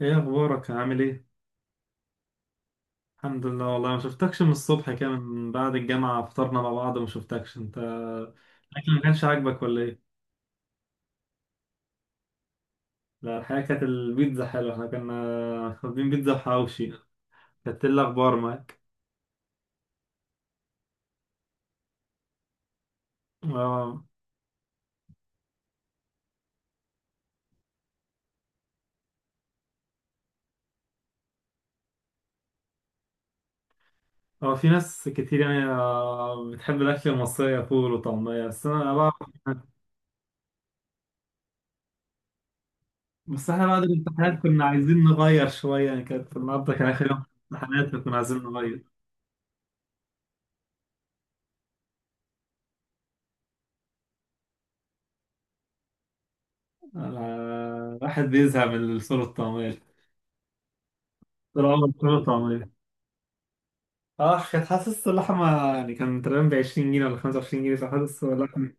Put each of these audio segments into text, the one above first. ايه اخبارك، عامل ايه؟ الحمد لله، والله ما شفتكش من الصبح كده، من بعد الجامعة فطرنا مع بعض. ما شفتكش، انت الاكل ما كانش عاجبك ولا ايه؟ لا الحقيقة كانت البيتزا حلوة، احنا كنا واخدين بيتزا وحواوشي. كانت إيه الاخبار معاك؟ اه، هو في ناس كتير يعني بتحب الاكل المصري فول وطعمية، بس انا بقى. بس احنا بعد الامتحانات كنا عايزين نغير شوية، يعني كانت النهاردة كان آخر يوم امتحانات، فكنا عايزين نغير. آه، الواحد بيزهق من الفول والطعمية. اه، الفول والطعمية. اه، كانت حاسس اللحمة، يعني كان تقريبا ب 20 جنيه ولا 25 جنيه، فحاسس اللحمة.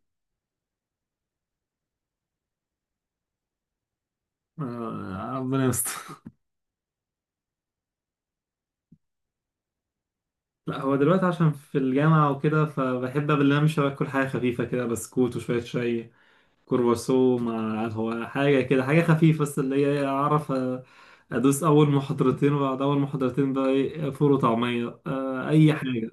آه، ربنا يستر. لا هو دلوقتي عشان في الجامعة وكده فبحب قبل ما امشي باكل حاجة خفيفة كده، بسكوت وشوية شاي، كرواسو مع هو حاجة كده، حاجة خفيفة، بس اللي هي أعرف أدوس أول محاضرتين، وبعد أول محاضرتين بقى إيه، فول وطعمية، أي حاجة.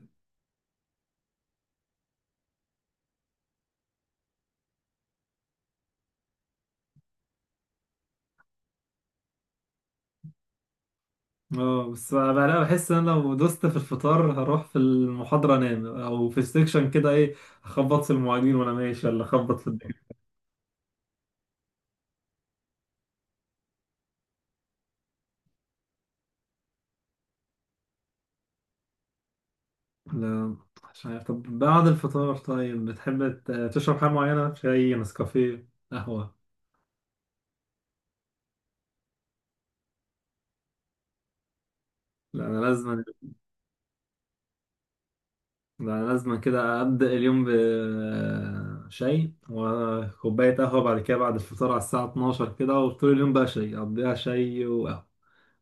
اه، بس بقى بحس ان انا لو دوست في الفطار هروح في المحاضرة انام، او في السكشن كده ايه، اخبط في المعيدين وانا ماشي، ولا اخبط في الدكتور. لا مش عارف. طب بعد الفطار طيب بتحب تشرب حاجة معينة، شاي، نسكافيه، قهوة؟ لا انا لازم. لا انا لازم كده ابدأ اليوم بشاي وكوباية قهوة بعد كده، بعد الفطار على الساعة 12 كده، وطول اليوم بقى شاي، اقضيها شاي وقهوة.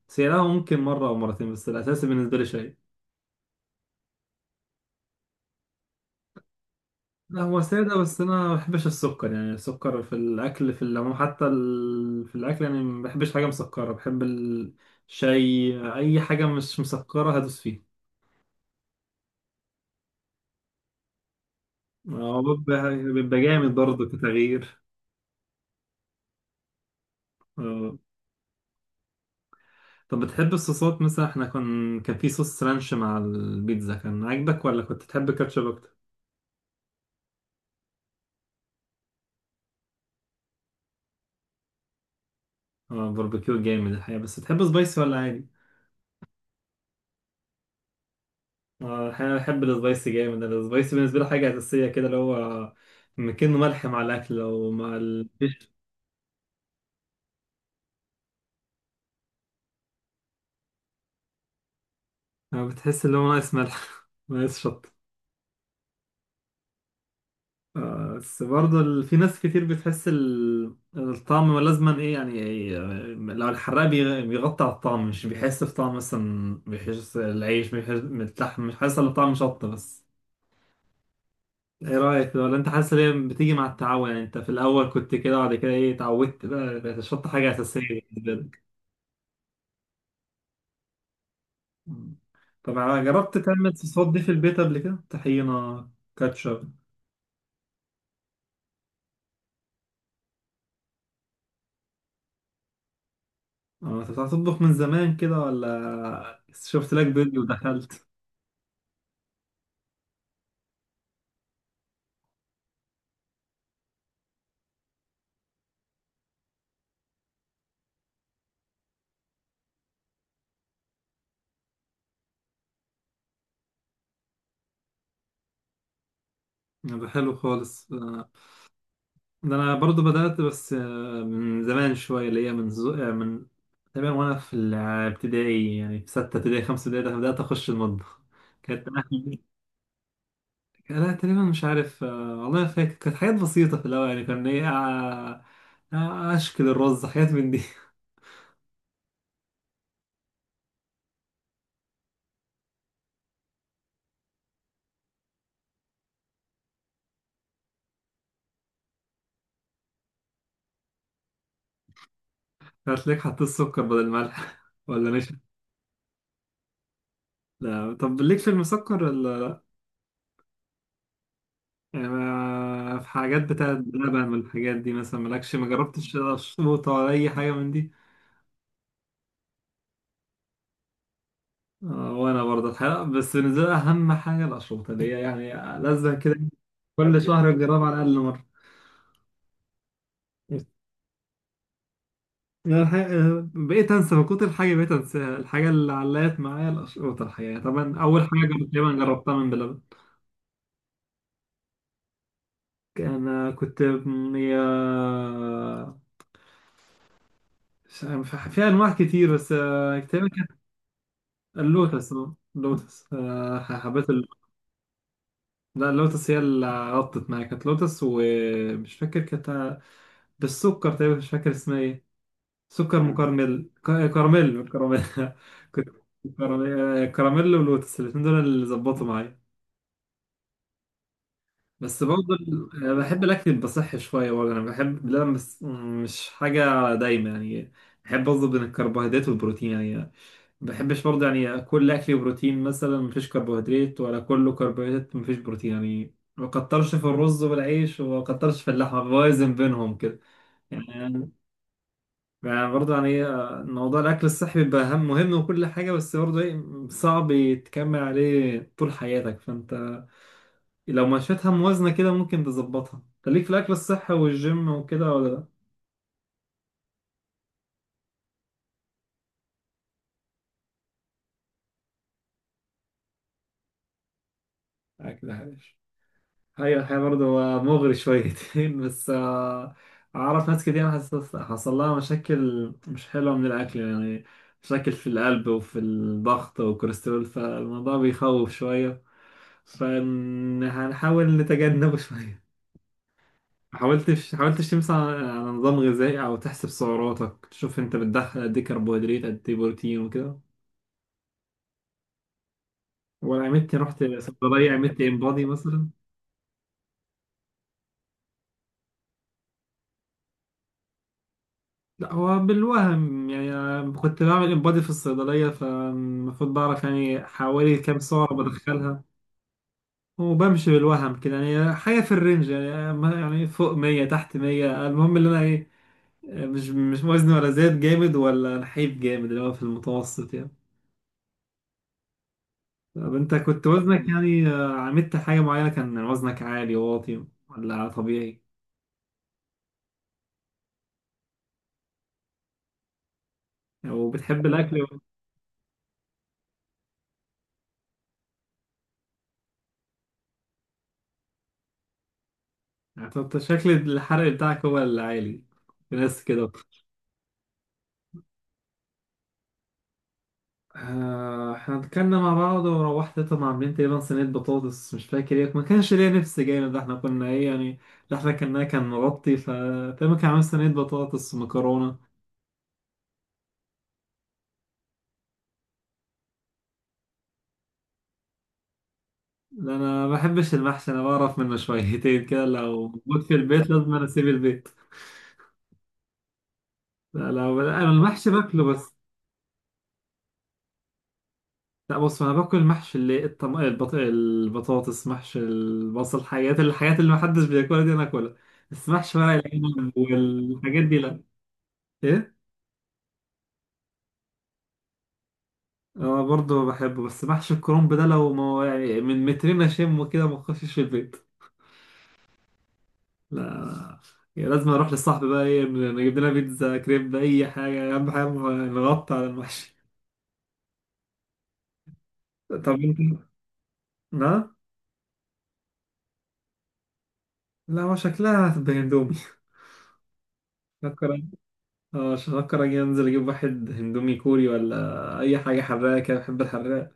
بس هي قهوة ممكن مرة او مرتين، بس الاساسي بالنسبة لي شاي. لا هو سادة، بس أنا ما بحبش السكر، يعني السكر في الأكل في العموم، حتى في الأكل يعني ما بحبش حاجة مسكرة، بحب الشاي أي حاجة مش مسكرة هدوس فيها. آه، بيبقى جامد برضه كتغيير. آه. طب بتحب الصوصات؟ مثلا احنا كان في صوص رانش مع البيتزا، كان عاجبك ولا كنت تحب كاتشب أكتر؟ اه، باربيكيو جامد الحقيقة. بس تحب سبايسي ولا عادي؟ آه، احيانا بحب السبايسي جامد، انا السبايسي بالنسبه لي حاجه اساسيه كده، اللي هو مكنه ملح مع الاكل لو مع الفيش. آه، بتحس اللي هو ناقص ملح، ناقص شطه. آه، بس برضه في ناس كتير بتحس الطعم لازما ايه، يعني إيه، آه، لو الحراق بيغطي على الطعم، مش بيحس بطعم، مثلا بيحس العيش بيحس اللحم، مش حاسس الا بطعم شطه بس. ايه رايك؟ ولا انت حاسس ان هي بتيجي مع التعود؟ يعني انت في الاول كنت كده، بعد كده ايه، اتعودت، بقى بقت الشطه حاجه اساسيه بالنسبه لك. مم. طب جربت تعمل صوصات دي في البيت قبل كده؟ طحينة، كاتشب. اه، انت بتعرف تطبخ من زمان كده، ولا شفت لك فيديو ودخلت؟ ده حلو خالص، آه. ده انا برضو بدأت، بس من زمان شوية اللي هي من زو... آه، من تقريبا وانا في الابتدائي، يعني في ستة ابتدائي خمسة ابتدائي، ده بدأت اخش المطبخ. كانت لا تقريبا مش عارف، والله ما فاكر. كانت حاجات بسيطة في الأول، يعني كان إيه آه، آه، أشكل الرز، حاجات من دي. هتلاقيك حطيت سكر بدل ملح، ولا نشا. لا، طب ليك في المسكر ولا؟ يعني في حاجات بتاعت بلبن والحاجات دي، مثلا مالكش؟ ما جربتش اشربوطة ولا اي حاجة من دي؟ آه، وانا برضه الحقيقة، بس بالنسبة لي اهم حاجة الاشربوطة، اللي هي يعني لازم كده، كل شهر اجربها على الاقل مرة. يعني الحقيقة، بقيت انسى من كتر الحاجة، بقيت انساها. الحاجة اللي علقت معايا الاشربوطة، الحقيقة طبعا اول حاجة تقريبا جربتها من بلبن. انا كنت، هي مش- في انواع كتير، بس تقريبا كانت اللوتس. اللوتس، حبيت لا اللوتس هي اللي غطت معايا، كانت لوتس، ومش فاكر كانت بالسكر تقريبا، مش فاكر اسمها ايه، سكر. مم. مكرمل، كراميل، كراميل. كنت كراميل، كراميل ولوتس الاتنين دول اللي ظبطوا معايا. بس برضه بحب الاكل يبقى صحي شويه، برضه انا بحب، لا بس مش حاجه دايما يعني. بحب اظبط بين الكربوهيدرات والبروتين، يعني ما بحبش برضه يعني كل اكلي بروتين مثلا، مفيش كربوهيدرات ولا كله كربوهيدرات مفيش بروتين، يعني ما كترش في الرز والعيش وما كترش في اللحمه، بوازن بينهم كده. يعني يعني برضه يعني موضوع الاكل الصحي بيبقى اهم مهم، وكل حاجه، بس برضه ايه صعب يتكمل عليه طول حياتك، فانت لو مشيتها موازنة كده ممكن تظبطها. خليك في الأكل الصحي والجيم وكده ولا لأ؟ آه، كده حاجة. هي الحقيقة برضه هو مغري شويتين، بس أعرف ناس كتير حصل لها مشاكل مش حلوة من الأكل يعني، مشاكل في القلب وفي الضغط والكوليسترول، فالموضوع بيخوف شوية، فهنحاول نتجنبه شوية. حاولتش تمشي على نظام غذائي أو تحسب سعراتك، تشوف أنت بتدخل قد إيه كربوهيدرات قد إيه بروتين وكده؟ ولا عملت، رحت صيدلية عملت امبادي مثلا؟ لا هو بالوهم يعني، أنا كنت بعمل امبادي في الصيدلية فالمفروض بعرف يعني حوالي كام سعر بدخلها، وبمشي بالوهم كده، يعني حاجة في الرينج، يعني يعني فوق 100 تحت 100، المهم اللي أنا إيه، مش وزني ولا زاد جامد ولا نحيف جامد، اللي هو في المتوسط يعني. طب أنت كنت وزنك يعني، عملت حاجة معينة؟ كان وزنك عالي واطي ولا طبيعي؟ وبتحب الأكل. انت شكل الحرق بتاعك هو اللي عالي، في ناس كده. آه، احنا اتكلمنا مع بعض وروحت، طبعا عاملين تقريبا صينية بطاطس، مش فاكر ايه، ما كانش ليا نفس جامد، ده احنا كنا ايه يعني، اللي احنا كنا كان مغطي، ف تقريبا كان عامل صينية بطاطس ومكرونة. لا، انا ما بحبش المحشي، انا بعرف منه شويتين كده، لو موجود في البيت لازم انا اسيب البيت. لا لو انا المحشي باكله بس. لا بص، انا باكل محشي اللي البطاطس، محشي البصل، الحاجات اللي محدش بياكلها دي انا اكلها. بس محشي ورق العنب والحاجات دي لا. ايه؟ انا برضه بحبه، بس محشي الكرنب ده لو ما يعني من مترين اشمه كده ما اخشش في البيت. لا. يعني لازم اروح للصاحب بقى ايه، نجيب لنا بيتزا كريب اي حاجه، اهم حاجه نغطي على المحشي. طب انت؟ لا. لا، هو شكلها هتبقى اندومي. اه، مش هفكر، اجي انزل اجيب واحد هندومي كوري ولا اي حاجه حراقه كده، بحب الحراق.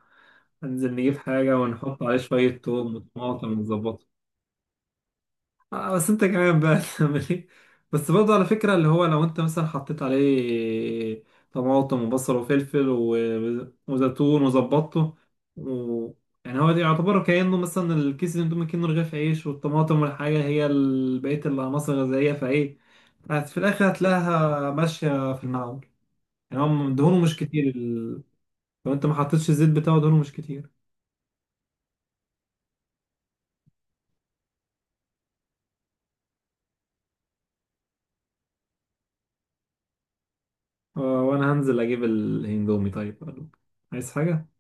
انزل نجيب حاجه ونحط عليه شويه توم وطماطم ونظبطه. آه بس انت كمان بقى، تعمل ايه؟ بس برضه على فكره، اللي هو لو انت مثلا حطيت عليه طماطم وبصل وفلفل وزيتون وظبطته و... يعني هو ده يعتبر كأنه مثلا الكيس الاندومي كأنه رغيف عيش، والطماطم والحاجة هي بقية العناصر الغذائية، فايه في الآخر هتلاقيها ماشية في المعقول. يعني هم دهونه مش كتير لو انت ما حطيتش الزيت بتاعه دهونه مش كتير. آه، وانا هنزل اجيب الاندومي، طيب قالوا عايز حاجة؟